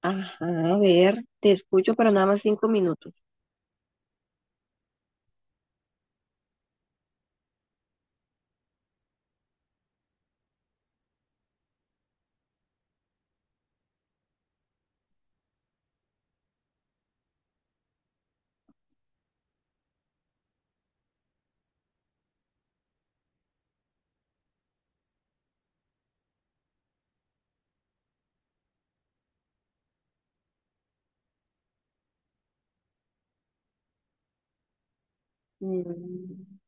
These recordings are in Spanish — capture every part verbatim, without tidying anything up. Ajá, a ver, te escucho, pero nada más cinco minutos. Mm,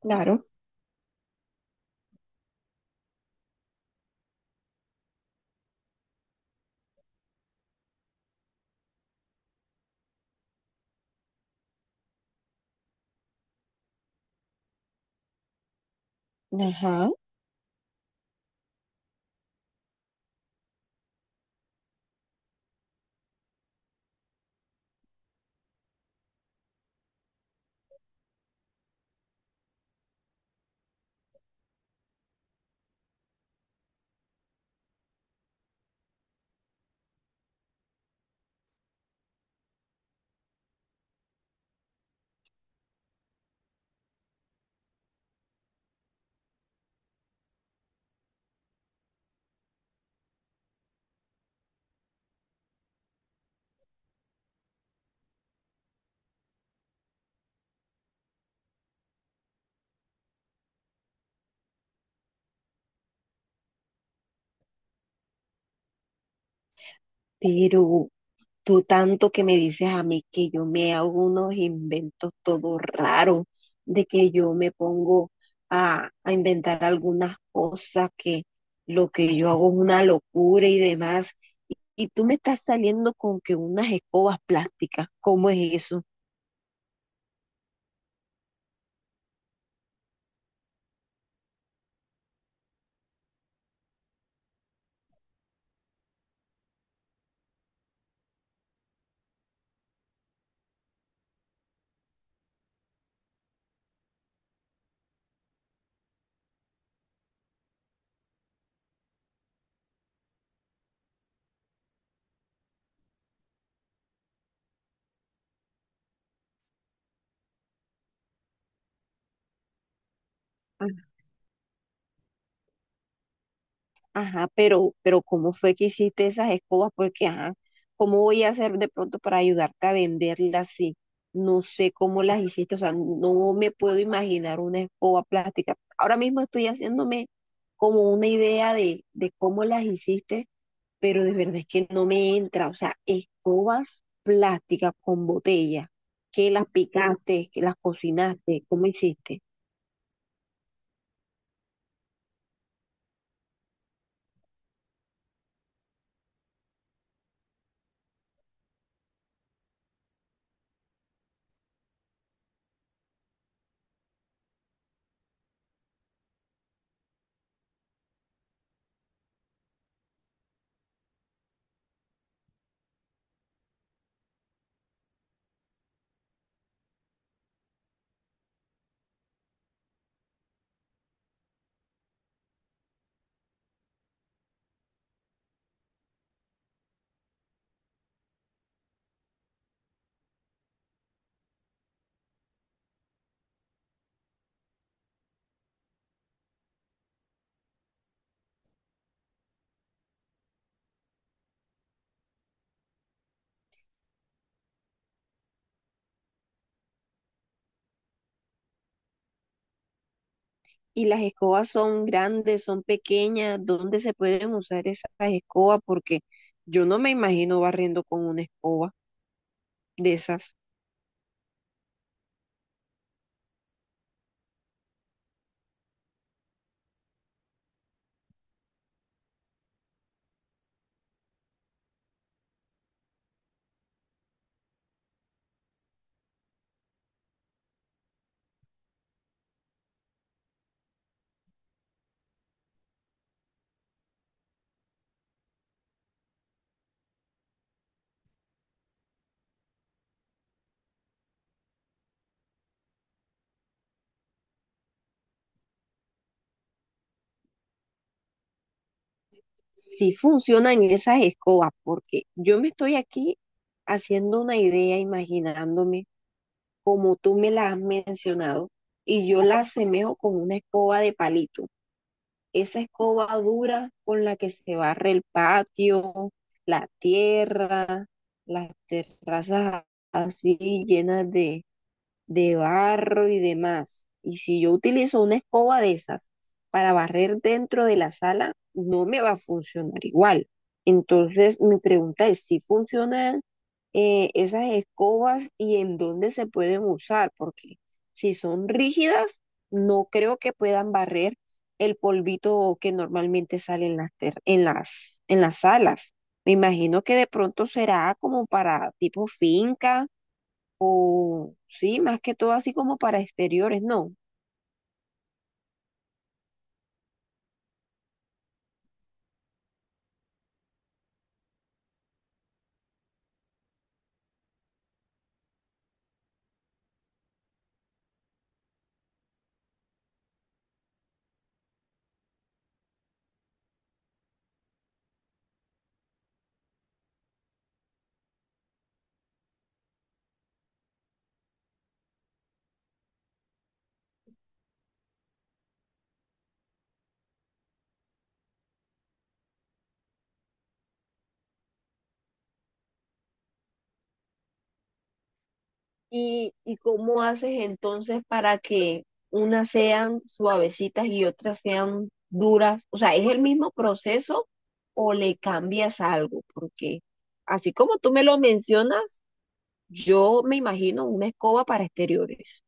claro, ajá, pero tú tanto que me dices a mí que yo me hago unos inventos todo raro, de que yo me pongo a, a inventar algunas cosas, que lo que yo hago es una locura y demás. Y, y tú me estás saliendo con que unas escobas plásticas, ¿cómo es eso? Ajá, pero, pero ¿cómo fue que hiciste esas escobas? Porque, ajá, ¿cómo voy a hacer de pronto para ayudarte a venderlas así? No sé cómo las hiciste, o sea, no me puedo imaginar una escoba plástica. Ahora mismo estoy haciéndome como una idea de, de cómo las hiciste, pero de verdad es que no me entra, o sea, escobas plásticas con botella, que las picaste, que las cocinaste, ¿cómo hiciste? ¿Y las escobas son grandes, son pequeñas? ¿Dónde se pueden usar esas escobas? Porque yo no me imagino barriendo con una escoba de esas. Si funcionan esas escobas, porque yo me estoy aquí haciendo una idea, imaginándome como tú me la has mencionado, y yo la asemejo con una escoba de palito. Esa escoba dura con la que se barre el patio, la tierra, las terrazas así llenas de de barro y demás. Y si yo utilizo una escoba de esas para barrer dentro de la sala, no me va a funcionar igual. Entonces, mi pregunta es si funcionan eh, esas escobas y en dónde se pueden usar, porque si son rígidas, no creo que puedan barrer el polvito que normalmente sale en las, ter- en las, en las salas. Me imagino que de pronto será como para tipo finca o sí, más que todo así como para exteriores, no. ¿Y, y cómo haces entonces para que unas sean suavecitas y otras sean duras? O sea, ¿es el mismo proceso o le cambias algo? Porque así como tú me lo mencionas, yo me imagino una escoba para exteriores.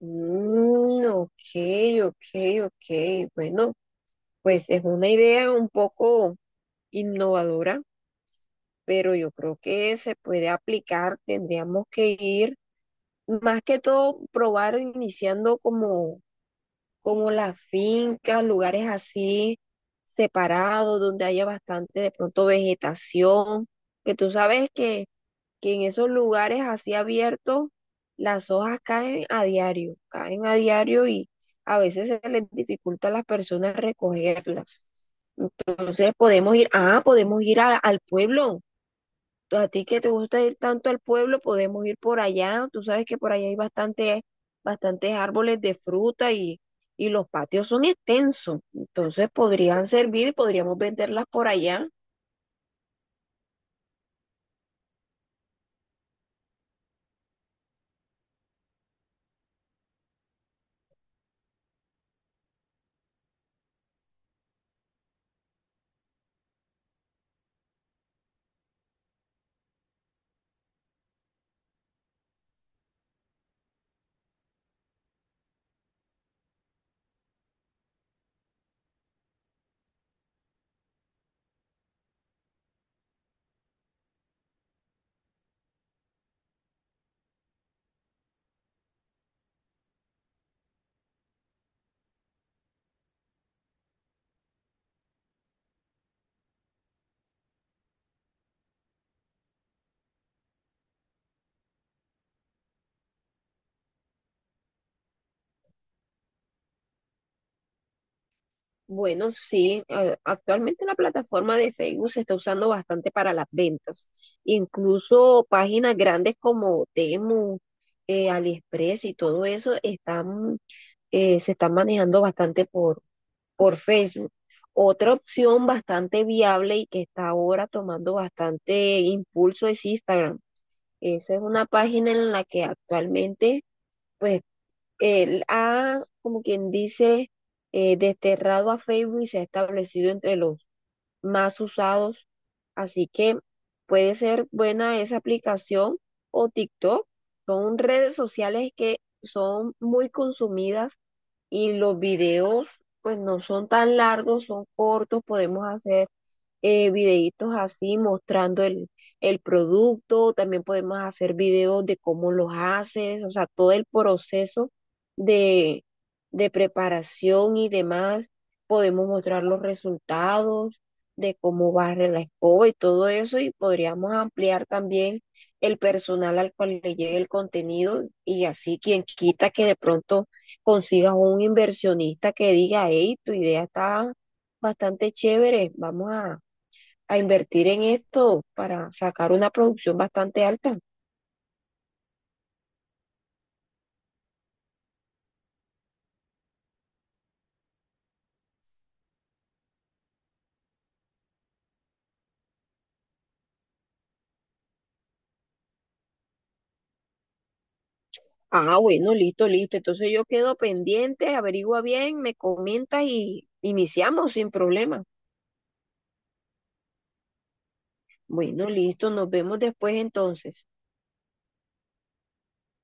Mm, ok, ok, ok. Bueno, pues es una idea un poco innovadora. Pero yo creo que se puede aplicar, tendríamos que ir, más que todo, probar iniciando como, como las fincas, lugares así separados, donde haya bastante de pronto vegetación, que tú sabes que, que en esos lugares así abiertos las hojas caen a diario, caen a diario y a veces se les dificulta a las personas recogerlas. Entonces podemos ir, ah, podemos ir a- al pueblo a ti que te gusta ir tanto al pueblo, podemos ir por allá. Tú sabes que por allá hay bastante, bastantes árboles de fruta y, y los patios son extensos. Entonces podrían servir, y podríamos venderlas por allá. Bueno, sí, a- actualmente la plataforma de Facebook se está usando bastante para las ventas. Incluso páginas grandes como Temu, eh, AliExpress y todo eso están, eh, se están manejando bastante por Facebook. Otra opción bastante viable y que está ahora tomando bastante impulso es Instagram. Esa es una página en la que actualmente, pues, él ha, como quien dice, eh, desterrado a Facebook y se ha establecido entre los más usados. Así que puede ser buena esa aplicación o TikTok. Son redes sociales que son muy consumidas y los videos pues no son tan largos, son cortos, podemos hacer eh, videitos así mostrando el, el producto, también podemos hacer videos de cómo los haces, o sea, todo el proceso de, de preparación y demás, podemos mostrar los resultados de cómo barre la escoba y todo eso, y podríamos ampliar también el personal al cual le lleve el contenido y así quien quita que de pronto consigas un inversionista que diga, hey, tu idea está bastante chévere, vamos a, a invertir en esto para sacar una producción bastante alta. Ah, bueno, listo, listo. Entonces yo quedo pendiente, averigua bien, me comenta y iniciamos sin problema. Bueno, listo, nos vemos después entonces.